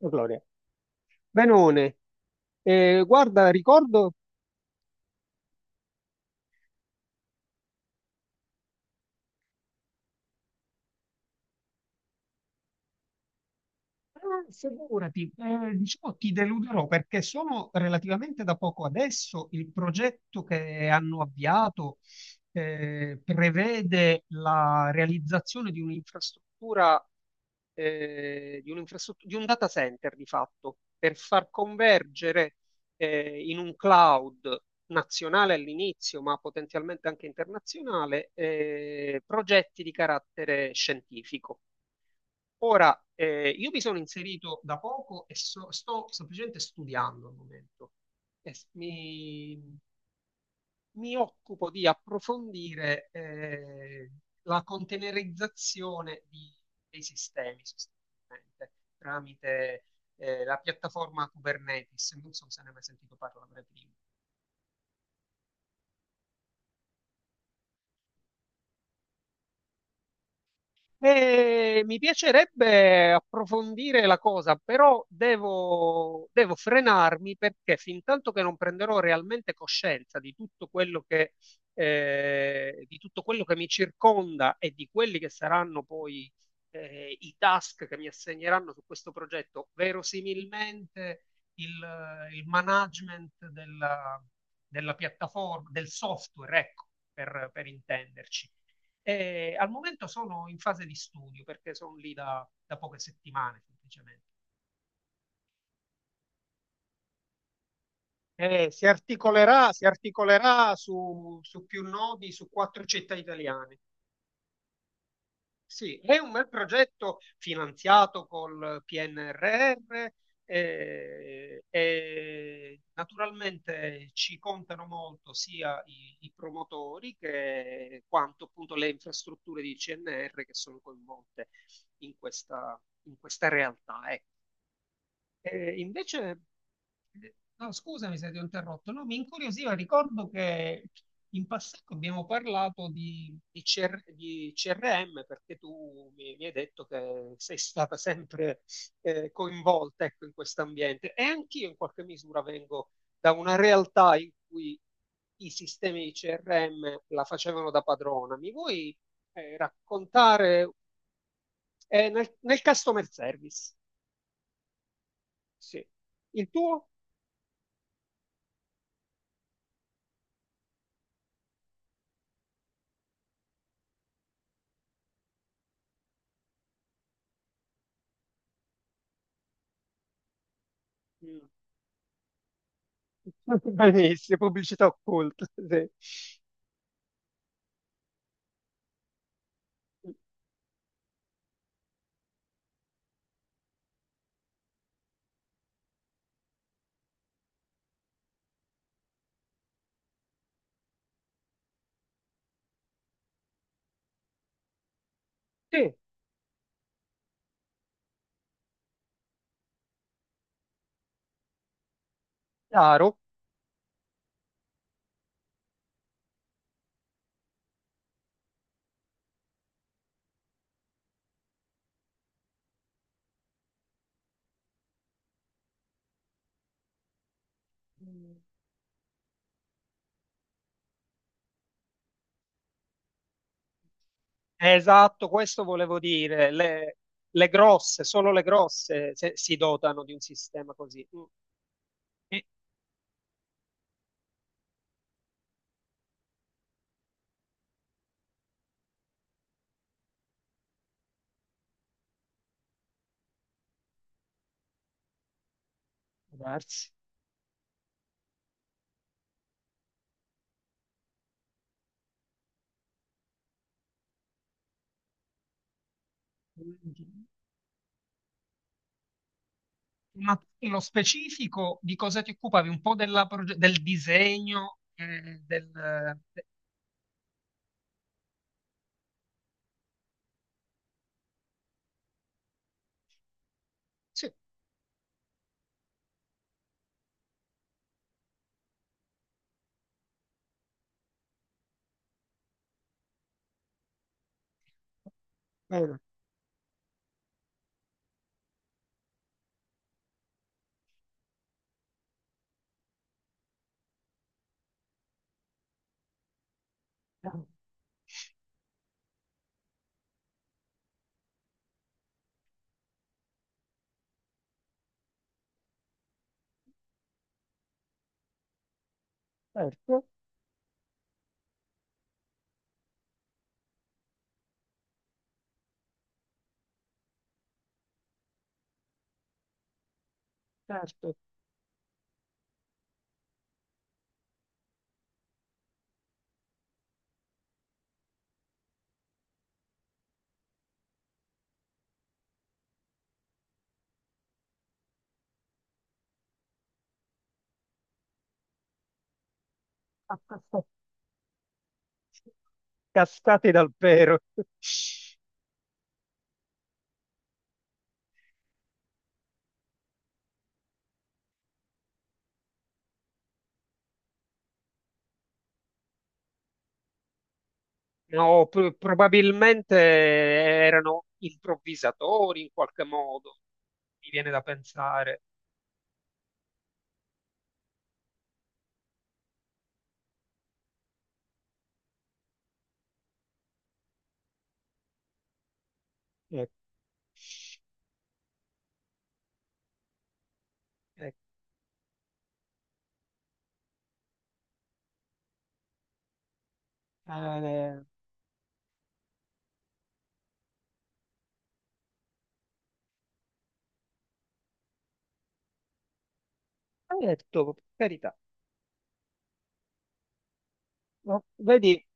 Oh, Gloria. Benone, guarda, ricordo. Figurati, diciamo ti deluderò perché sono relativamente da poco adesso il progetto che hanno avviato prevede la realizzazione di un'infrastruttura, di un data center di fatto, per far convergere in un cloud nazionale all'inizio, ma potenzialmente anche internazionale, progetti di carattere scientifico. Ora, io mi sono inserito da poco e sto semplicemente studiando al momento. E s- mi, mi occupo di approfondire la containerizzazione dei sistemi sostanzialmente, tramite la piattaforma Kubernetes. Non so se ne hai mai sentito parlare prima. Mi piacerebbe approfondire la cosa, però devo frenarmi perché fin tanto che non prenderò realmente coscienza di tutto quello che, di tutto quello che mi circonda e di quelli che saranno poi, i task che mi assegneranno su questo progetto, verosimilmente il, il management della piattaforma, del software, ecco, per intenderci, e al momento sono in fase di studio perché sono lì da poche settimane semplicemente. Si articolerà su, più nodi, su quattro città italiane. Sì, è un bel progetto finanziato col PNRR, e naturalmente ci contano molto sia i promotori, che quanto appunto le infrastrutture di CNR che sono coinvolte in questa, in questa realtà. Ecco. Eh, invece, no, scusami se ti ho interrotto, no, mi incuriosiva, ricordo che in passato abbiamo parlato di CRM perché tu mi hai detto che sei stata sempre coinvolta, ecco, in questo ambiente, e anch'io in qualche misura vengo da una realtà in cui i sistemi di CRM la facevano da padrona. Mi vuoi raccontare, nel customer service? Sì. Il tuo? Mm. Benissimo, pubblicità occulta. Sì, sì, chiaro. Esatto, questo volevo dire. Le grosse, solo le grosse si dotano di un sistema così. Mm. E diversi. Ma nello specifico di cosa ti occupavi? Un po' del disegno, de- Sì, bene. Certo, certo. Accasta- Cascati dal pero. No, probabilmente erano improvvisatori in qualche modo, mi viene da pensare. Eh, eh, eh, hai detto, per carità. No, vedi,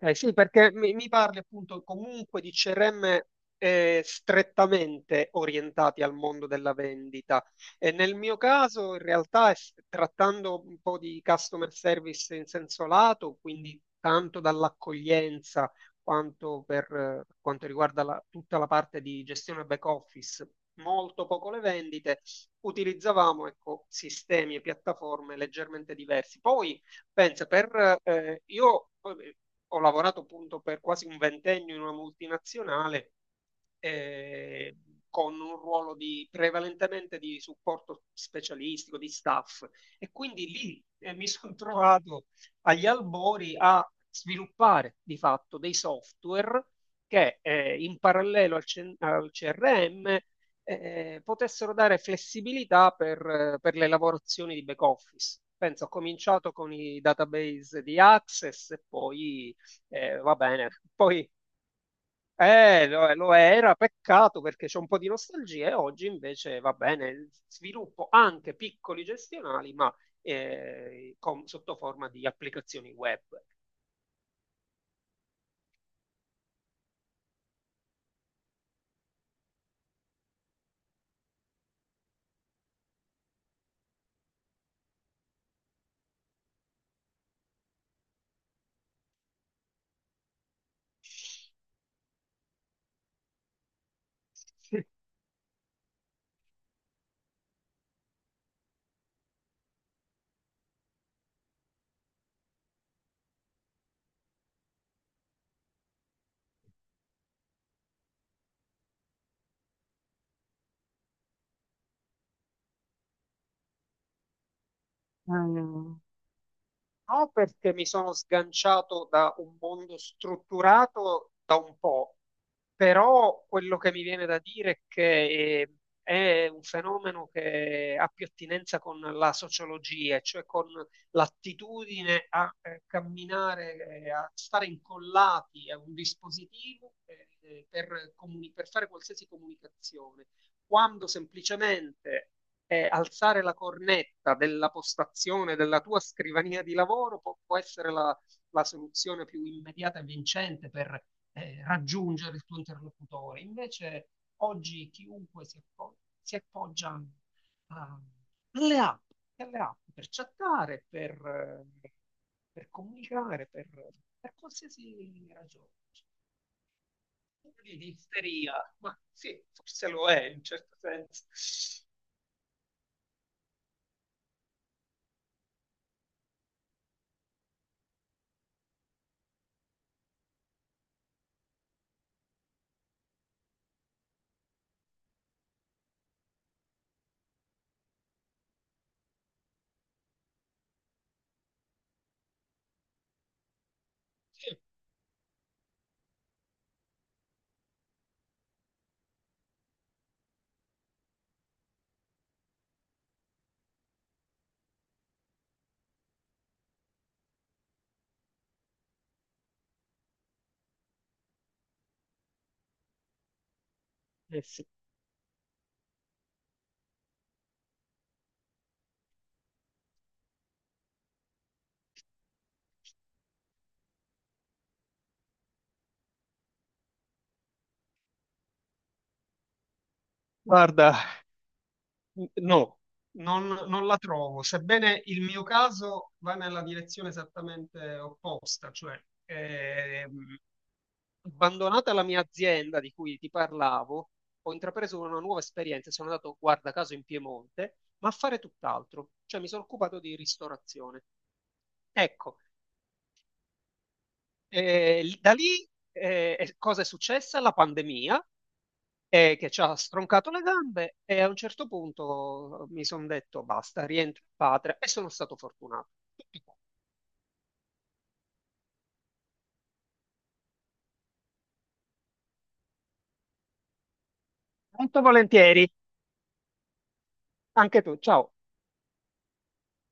ok, sì, perché mi parli appunto comunque di CRM strettamente orientati al mondo della vendita. E nel mio caso, in realtà, trattando un po' di customer service in senso lato, quindi tanto dall'accoglienza quanto per quanto riguarda la- tutta la parte di gestione back office, molto poco le vendite, utilizzavamo ecco, sistemi e piattaforme leggermente diversi. Poi, pensa, io ho lavorato appunto per quasi un ventennio in una multinazionale, eh, con un ruolo prevalentemente di supporto specialistico, di staff. E quindi lì mi sono trovato agli albori a sviluppare di fatto dei software che, in parallelo al CRM, potessero dare flessibilità per le lavorazioni di back office. Penso, ho cominciato con i database di Access, e poi va bene, poi lo era, peccato, perché c'è un po' di nostalgia e oggi invece va bene, sviluppo anche piccoli gestionali, ma sotto forma di applicazioni web. Mm. No, perché mi sono sganciato da un mondo strutturato da un po'. Però quello che mi viene da dire è che è un fenomeno che ha più attinenza con la sociologia, cioè con l'attitudine a camminare, a stare incollati a un dispositivo per fare qualsiasi comunicazione, quando semplicemente alzare la cornetta della postazione della tua scrivania di lavoro può essere la soluzione più immediata e vincente per raggiungere il tuo interlocutore. Invece oggi chiunque si appoggia alle, app, alle app, per chattare, eh, per comunicare, per qualsiasi ragione. Di isteria, ma sì, forse lo è in un certo senso. Eh sì. Guarda, no, non la trovo, sebbene il mio caso va nella direzione esattamente opposta, cioè ehm, abbandonata la mia azienda di cui ti parlavo, ho intrapreso una nuova esperienza, e sono andato, guarda caso, in Piemonte, ma a fare tutt'altro, cioè mi sono occupato di ristorazione. Ecco, da lì cosa è successa? La pandemia, e che ci ha stroncato le gambe, e a un certo punto mi sono detto basta, rientro in patria e sono stato fortunato. Tutto qua. Molto volentieri, anche tu, ciao.